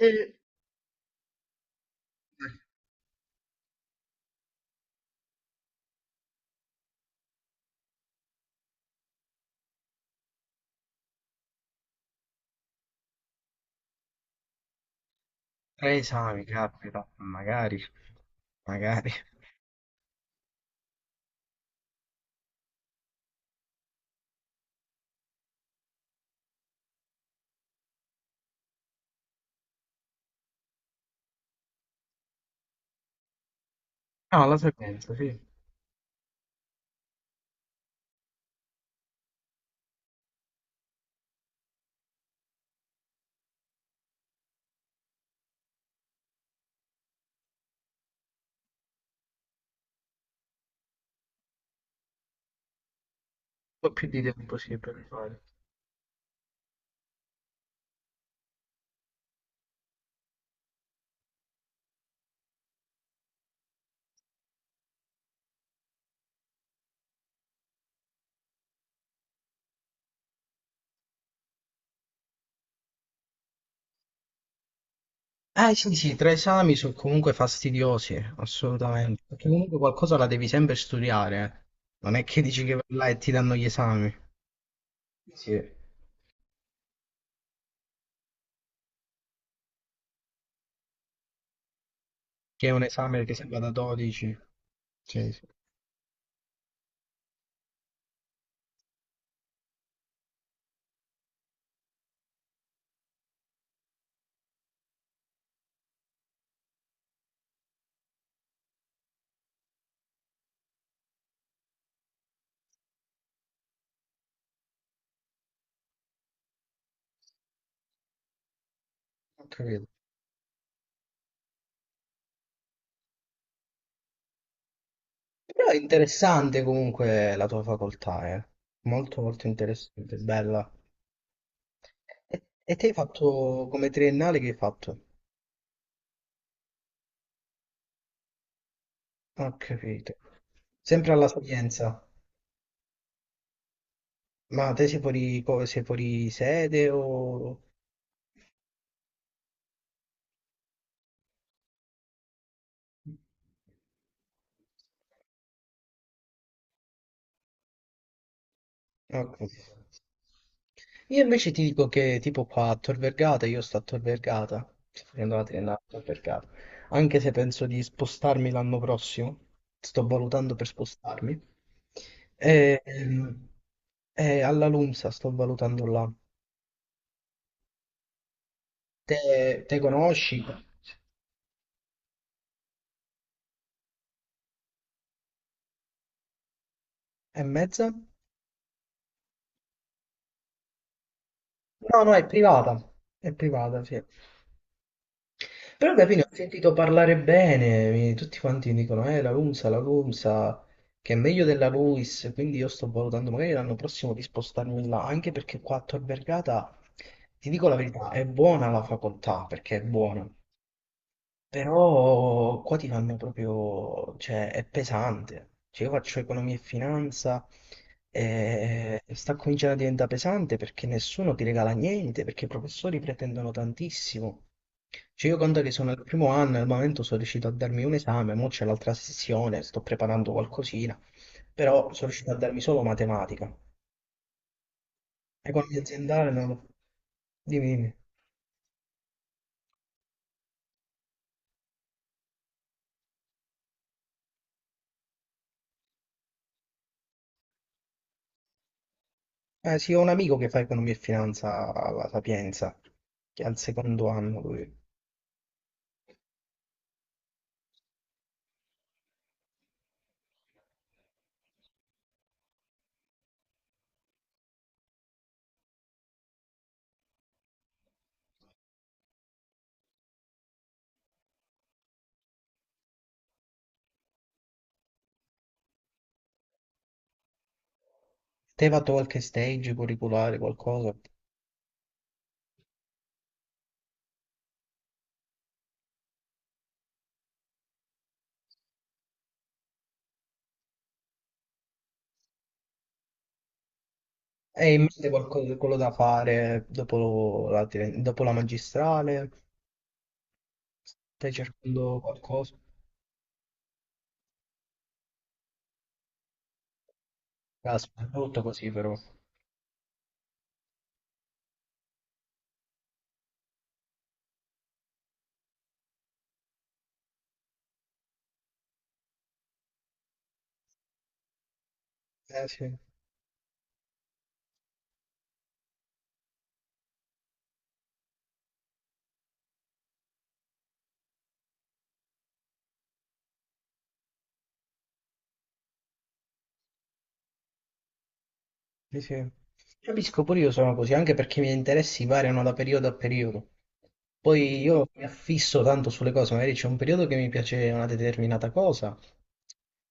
Mh. Tre esami, caspita, magari, magari. No, la sequenza, sì. Un po' più di tempo, sì, per fare. Eh sì, sì, tre esami sono comunque fastidiosi, assolutamente, perché comunque qualcosa la devi sempre studiare. Non è che dici che vai là e ti danno gli esami. Sì. Che è un esame che si va da 12. Sì, sì, ho capito. Però è interessante comunque la tua facoltà, eh. Molto molto interessante, bella. E, e te hai fatto come triennale, che hai fatto? Ho capito. Sempre alla Sapienza. Ma te sei fuori, sei fuori sede o... Ho capito. Io invece ti dico che tipo qua a Tor Vergata, io sto a Tor Vergata, sto facendo la triennale a Tor Vergata, anche se penso di spostarmi l'anno prossimo, sto valutando per spostarmi, e, ehm, e alla LUMSA sto valutando là. Te, te conosci? E mezza? No, no, è privata, sì. Però capito, ho sentito parlare bene, tutti quanti mi dicono, la LUMSA, che è meglio della LUIS, quindi io sto valutando magari l'anno prossimo di spostarmi là, anche perché qua a Tor Vergata, ti dico la verità, è buona la facoltà, perché è buona, però qua ti fanno proprio, cioè è pesante. Cioè, io faccio economia e finanza e sta cominciando a diventare pesante perché nessuno ti regala niente, perché i professori pretendono tantissimo. Cioè, io conto che sono al primo anno, al momento sono riuscito a darmi un esame, mo c'è l'altra sessione, sto preparando qualcosina, però sono riuscito a darmi solo matematica. Economia aziendale non lo... Dimmi, dimmi. Eh sì, ho un amico che fa economia e finanza alla Sapienza, che è al secondo anno lui. Te hai fatto qualche stage curriculare, qualcosa? E in mente qualcosa, quello da fare dopo la, dopo la magistrale? Stai cercando qualcosa? Caspita, è brutto così però. Eh sì. Sì, sì. Capisco, pure io sono così, anche perché i miei interessi variano da periodo a periodo. Poi io mi affisso tanto sulle cose, magari c'è un periodo che mi piace una determinata cosa,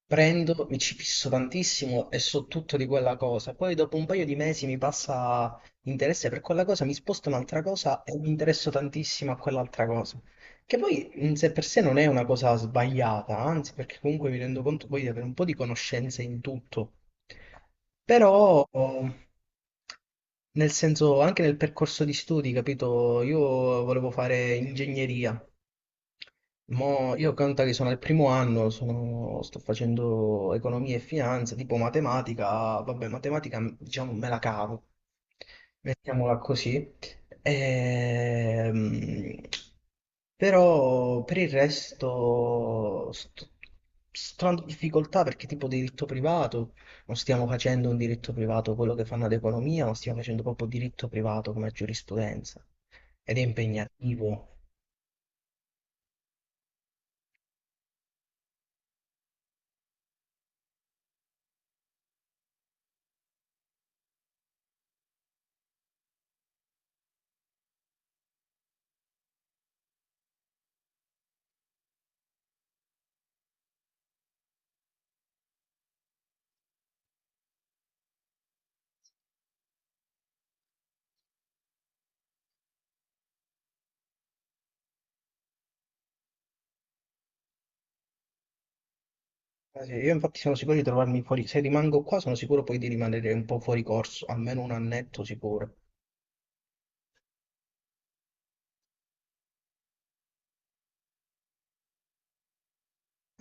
prendo, mi ci fisso tantissimo e so tutto di quella cosa. Poi dopo un paio di mesi mi passa interesse per quella cosa, mi sposto un'altra cosa e mi interesso tantissimo a quell'altra cosa. Che poi in sé per sé non è una cosa sbagliata, anzi, perché comunque mi rendo conto poi di avere un po' di conoscenze in tutto. Però, nel senso, anche nel percorso di studi, capito? Io volevo fare ingegneria. Mo io conta che sono al primo anno, sto facendo economia e finanza, tipo matematica, vabbè, matematica diciamo me la cavo, mettiamola così. Ehm, Però per il resto sto, sto in difficoltà perché tipo diritto privato, non stiamo facendo un diritto privato quello che fanno ad economia, ma stiamo facendo proprio diritto privato come giurisprudenza ed è impegnativo. Eh sì, io infatti sono sicuro di trovarmi fuori, se rimango qua sono sicuro poi di rimanere un po' fuori corso, almeno un annetto sicuro,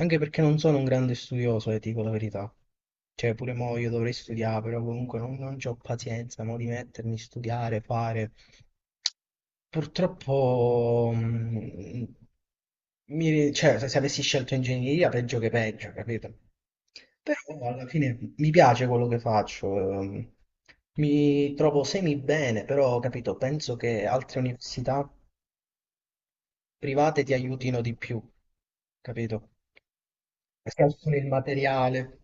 anche perché non sono un grande studioso, dico la verità. Cioè, pure mo' io dovrei studiare, però comunque non, non c'ho pazienza, mo' di mettermi a studiare, fare. Purtroppo, cioè, se avessi scelto ingegneria, peggio che peggio, capito? Però alla fine mi piace quello che faccio, mi trovo semi bene, però, capito, penso che altre università private ti aiutino di più, capito? Perché alcune il materiale.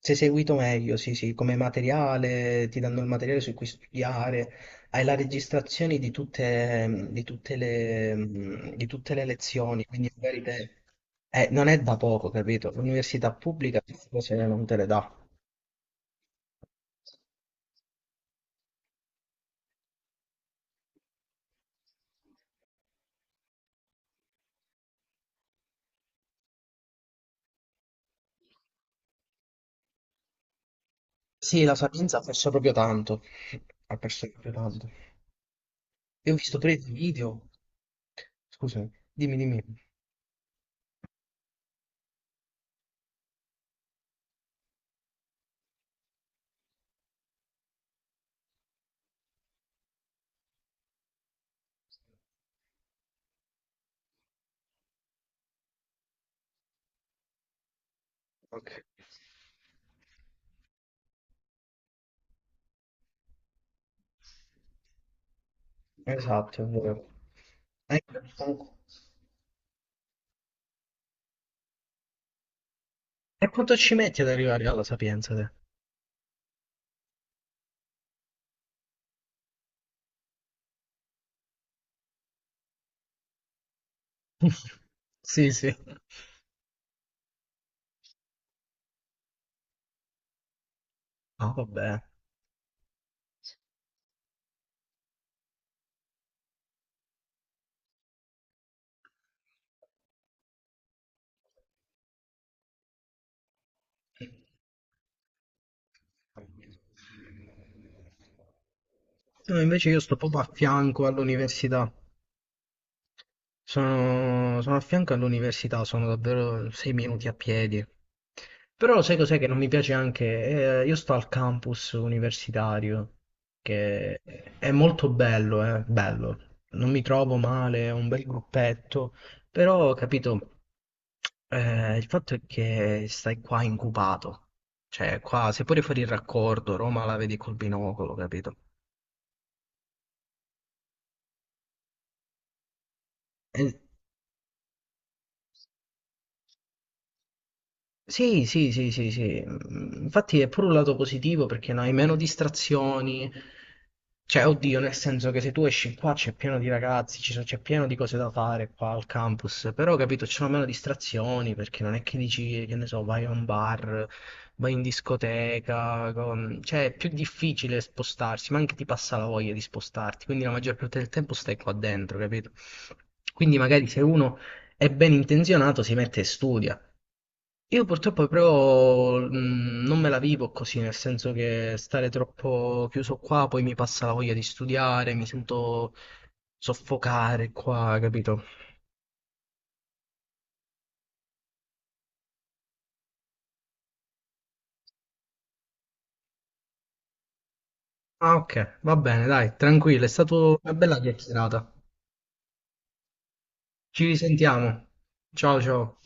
Sei seguito meglio, sì, sì, come materiale, ti danno il materiale su cui studiare, hai la registrazione di tutte le lezioni, quindi magari te... non è da poco, capito? L'università pubblica queste cose non te le dà. Sì, la Sapienza ha perso proprio tanto, ha perso proprio tanto. Io ho visto pure dei video, scusami, dimmi, dimmi. Ok. Esatto, è vero. Eh, E quanto ci metti ad arrivare alla Sapienza, te? Sì, sì. No? Vabbè. No, invece io sto proprio a fianco all'università. Sono, sono a fianco all'università, sono davvero sei minuti a piedi. Però sai cos'è che non mi piace anche? Io sto al campus universitario, che è molto bello, bello. Non mi trovo male, è un bel gruppetto, però, capito, il fatto è che stai qua incubato. Cioè, qua, se pure fuori il raccordo, Roma la vedi col binocolo, capito? E sì, sì, sì, sì, sì. Mm, infatti è pure un lato positivo perché non hai meno distrazioni. Cioè, oddio, nel senso che se tu esci qua c'è pieno di ragazzi, c'è pieno di cose da fare qua al campus, però capito, ci sono meno distrazioni perché non è che dici, che ne so, vai a un bar, vai in discoteca, cioè è più difficile spostarsi, ma anche ti passa la voglia di spostarti, quindi la maggior parte del tempo stai qua dentro, capito? Quindi magari se uno è ben intenzionato si mette e studia. Io purtroppo però non me la vivo così, nel senso che stare troppo chiuso qua poi mi passa la voglia di studiare, mi sento soffocare qua, capito? Ah, ok, va bene, dai, tranquillo, è stata una bella chiacchierata. Ci risentiamo. Ciao, ciao.